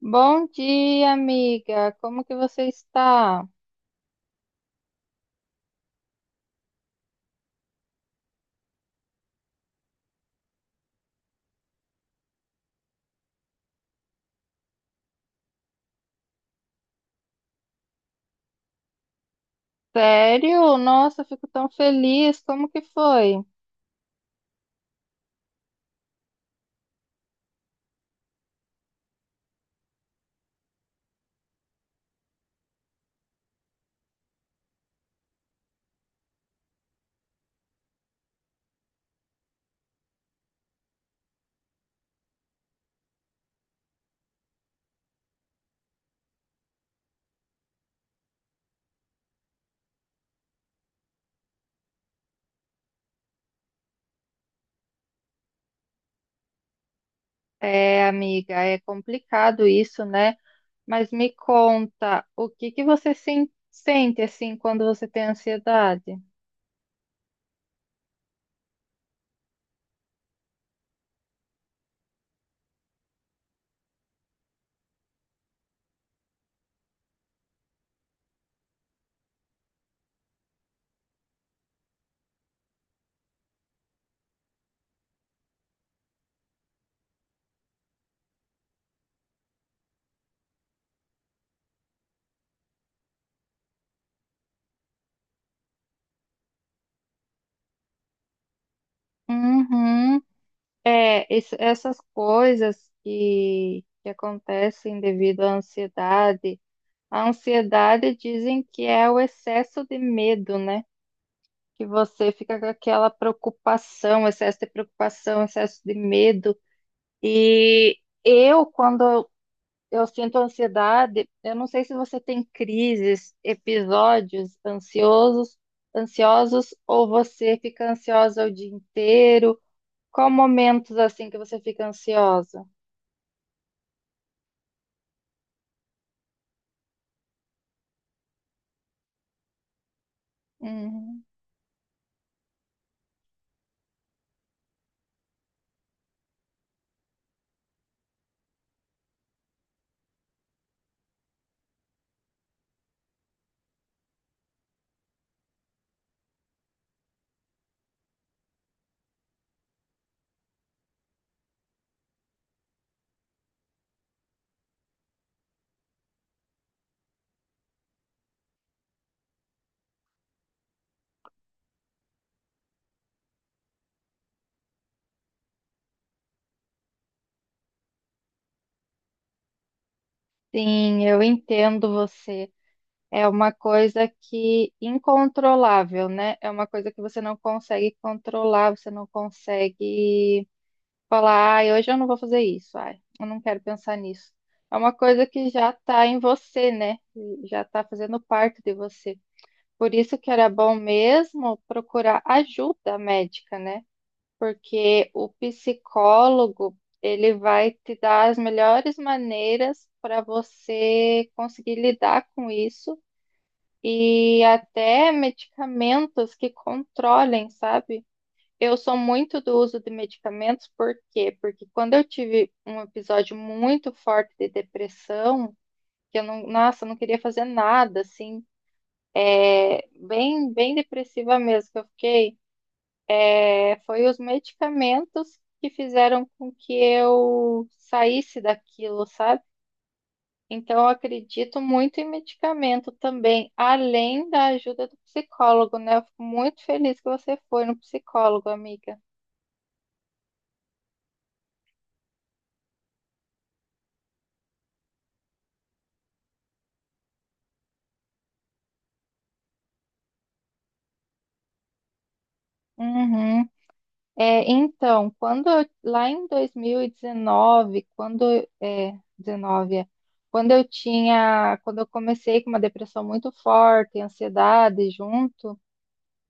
Bom dia, amiga. Como que você está? Sério? Nossa, eu fico tão feliz. Como que foi? É, amiga, é complicado isso, né? Mas me conta, o que que você sente assim quando você tem ansiedade? Uhum. É, essas coisas que acontecem devido à ansiedade. A ansiedade dizem que é o excesso de medo, né? Que você fica com aquela preocupação, excesso de medo. E eu, quando eu sinto ansiedade, eu não sei se você tem crises, episódios ansiosos, ansiosos, ou você fica ansiosa o dia inteiro. Qual momentos assim que você fica ansiosa? Uhum. Sim, eu entendo você. É uma coisa que incontrolável, né? É uma coisa que você não consegue controlar, você não consegue falar, ai, hoje eu não vou fazer isso, ai, eu não quero pensar nisso. É uma coisa que já está em você, né? Já está fazendo parte de você. Por isso que era bom mesmo procurar ajuda médica, né? Porque o psicólogo, ele vai te dar as melhores maneiras para você conseguir lidar com isso e até medicamentos que controlem, sabe? Eu sou muito do uso de medicamentos, por quê? Porque quando eu tive um episódio muito forte de depressão, que eu não, nossa, eu não queria fazer nada, assim, é, bem, bem depressiva mesmo que eu fiquei, é, foi os medicamentos que fizeram com que eu saísse daquilo, sabe? Então, eu acredito muito em medicamento também, além da ajuda do psicólogo, né? Eu fico muito feliz que você foi no psicólogo, amiga. Uhum. É, então, quando eu- lá em 2019, quando é, 19, é, quando eu tinha, quando eu comecei com uma depressão muito forte, ansiedade junto.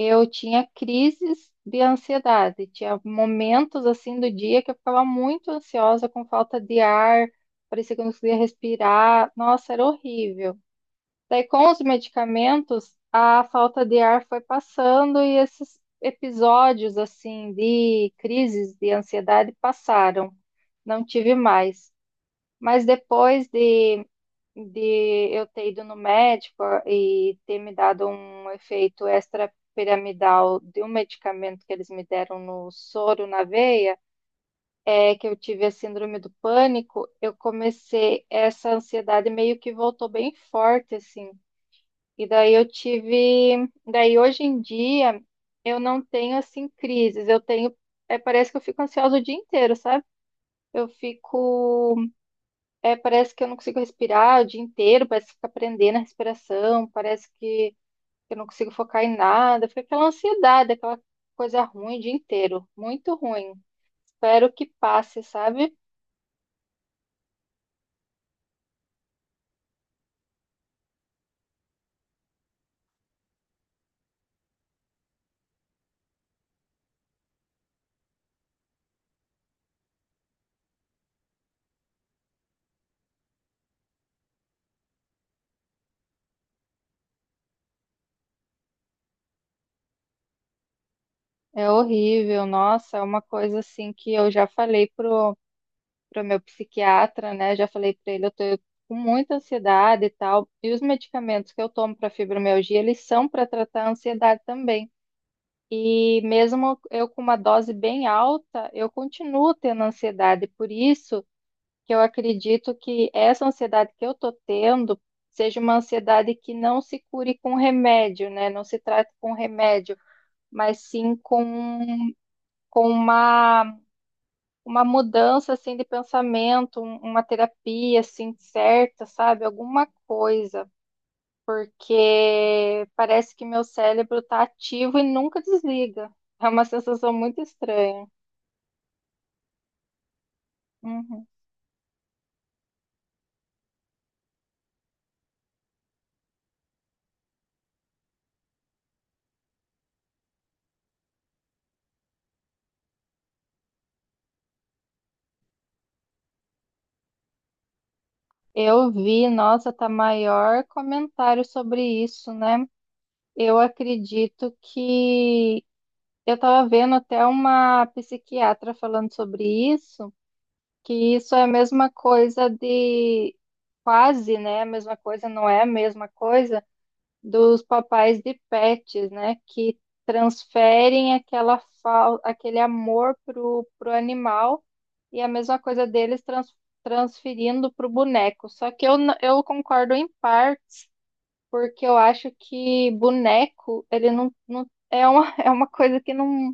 Eu tinha crises de ansiedade, tinha momentos assim do dia que eu ficava muito ansiosa, com falta de ar, parecia que eu não conseguia respirar. Nossa, era horrível. Daí, com os medicamentos, a falta de ar foi passando e esses episódios assim de crises de ansiedade passaram. Não tive mais. Mas depois de eu ter ido no médico e ter me dado um efeito extrapiramidal de um medicamento que eles me deram no soro, na veia, é que eu tive a síndrome do pânico, eu comecei, essa ansiedade meio que voltou bem forte, assim. E daí eu tive, daí hoje em dia eu não tenho assim crises, eu tenho, é, parece que eu fico ansiosa o dia inteiro, sabe? Eu fico é, parece que eu não consigo respirar o dia inteiro, parece que fica prendendo a respiração, parece que eu não consigo focar em nada, fica aquela ansiedade, aquela coisa ruim o dia inteiro, muito ruim. Espero que passe, sabe? É horrível, nossa, é uma coisa assim que eu já falei pro, pro meu psiquiatra, né? Já falei pra ele, eu tô com muita ansiedade e tal. E os medicamentos que eu tomo para fibromialgia, eles são para tratar a ansiedade também. E mesmo eu com uma dose bem alta, eu continuo tendo ansiedade. Por isso que eu acredito que essa ansiedade que eu estou tendo seja uma ansiedade que não se cure com remédio, né? Não se trate com remédio, mas sim com uma mudança assim de pensamento, uma terapia assim certa, sabe? Alguma coisa porque parece que meu cérebro tá ativo e nunca desliga. É uma sensação muito estranha. Uhum. Eu vi, nossa, tá maior comentário sobre isso, né? Eu acredito que eu tava vendo até uma psiquiatra falando sobre isso, que isso é a mesma coisa de quase, né? A mesma coisa, não é a mesma coisa dos papais de pets, né? Que transferem aquela aquele amor pro, pro animal e a mesma coisa deles transferindo pro boneco. Só que eu, eu concordo em parte porque eu acho que boneco, ele não, não é uma, é uma coisa que não,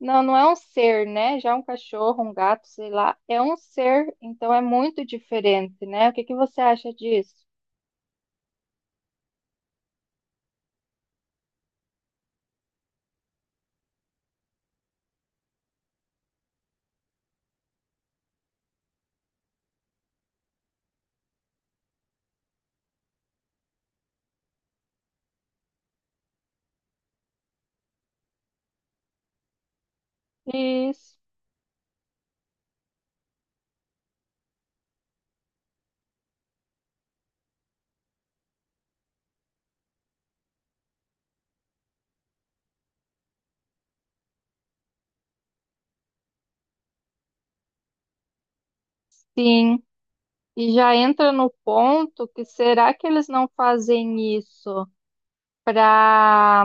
não, não é um ser, né? Já um cachorro, um gato, sei lá, é um ser, então é muito diferente, né? O que que você acha disso? Isso. Sim. E já entra no ponto que será que eles não fazem isso para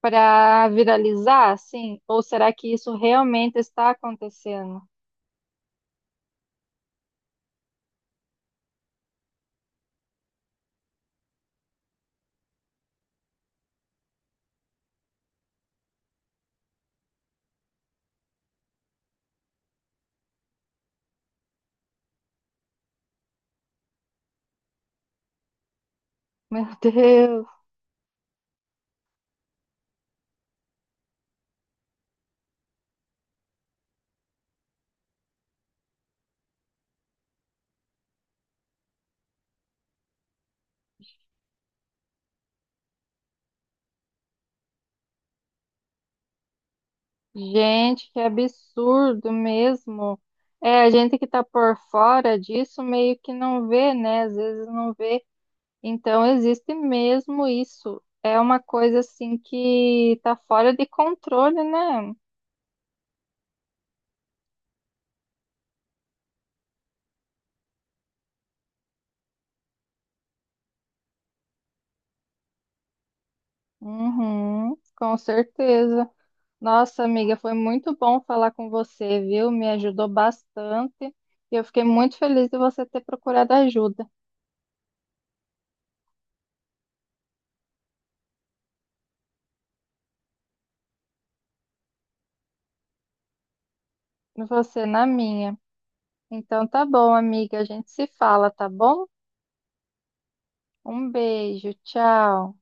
para viralizar, assim? Ou será que isso realmente está acontecendo? Meu Deus, gente, que absurdo mesmo. É, a gente que está por fora disso meio que não vê, né? Às vezes não vê. Então existe mesmo isso. É uma coisa assim que está fora de controle, né? Uhum, com certeza. Nossa, amiga, foi muito bom falar com você, viu? Me ajudou bastante e eu fiquei muito feliz de você ter procurado ajuda, e você na minha. Então tá bom, amiga, a gente se fala, tá bom? Um beijo, tchau.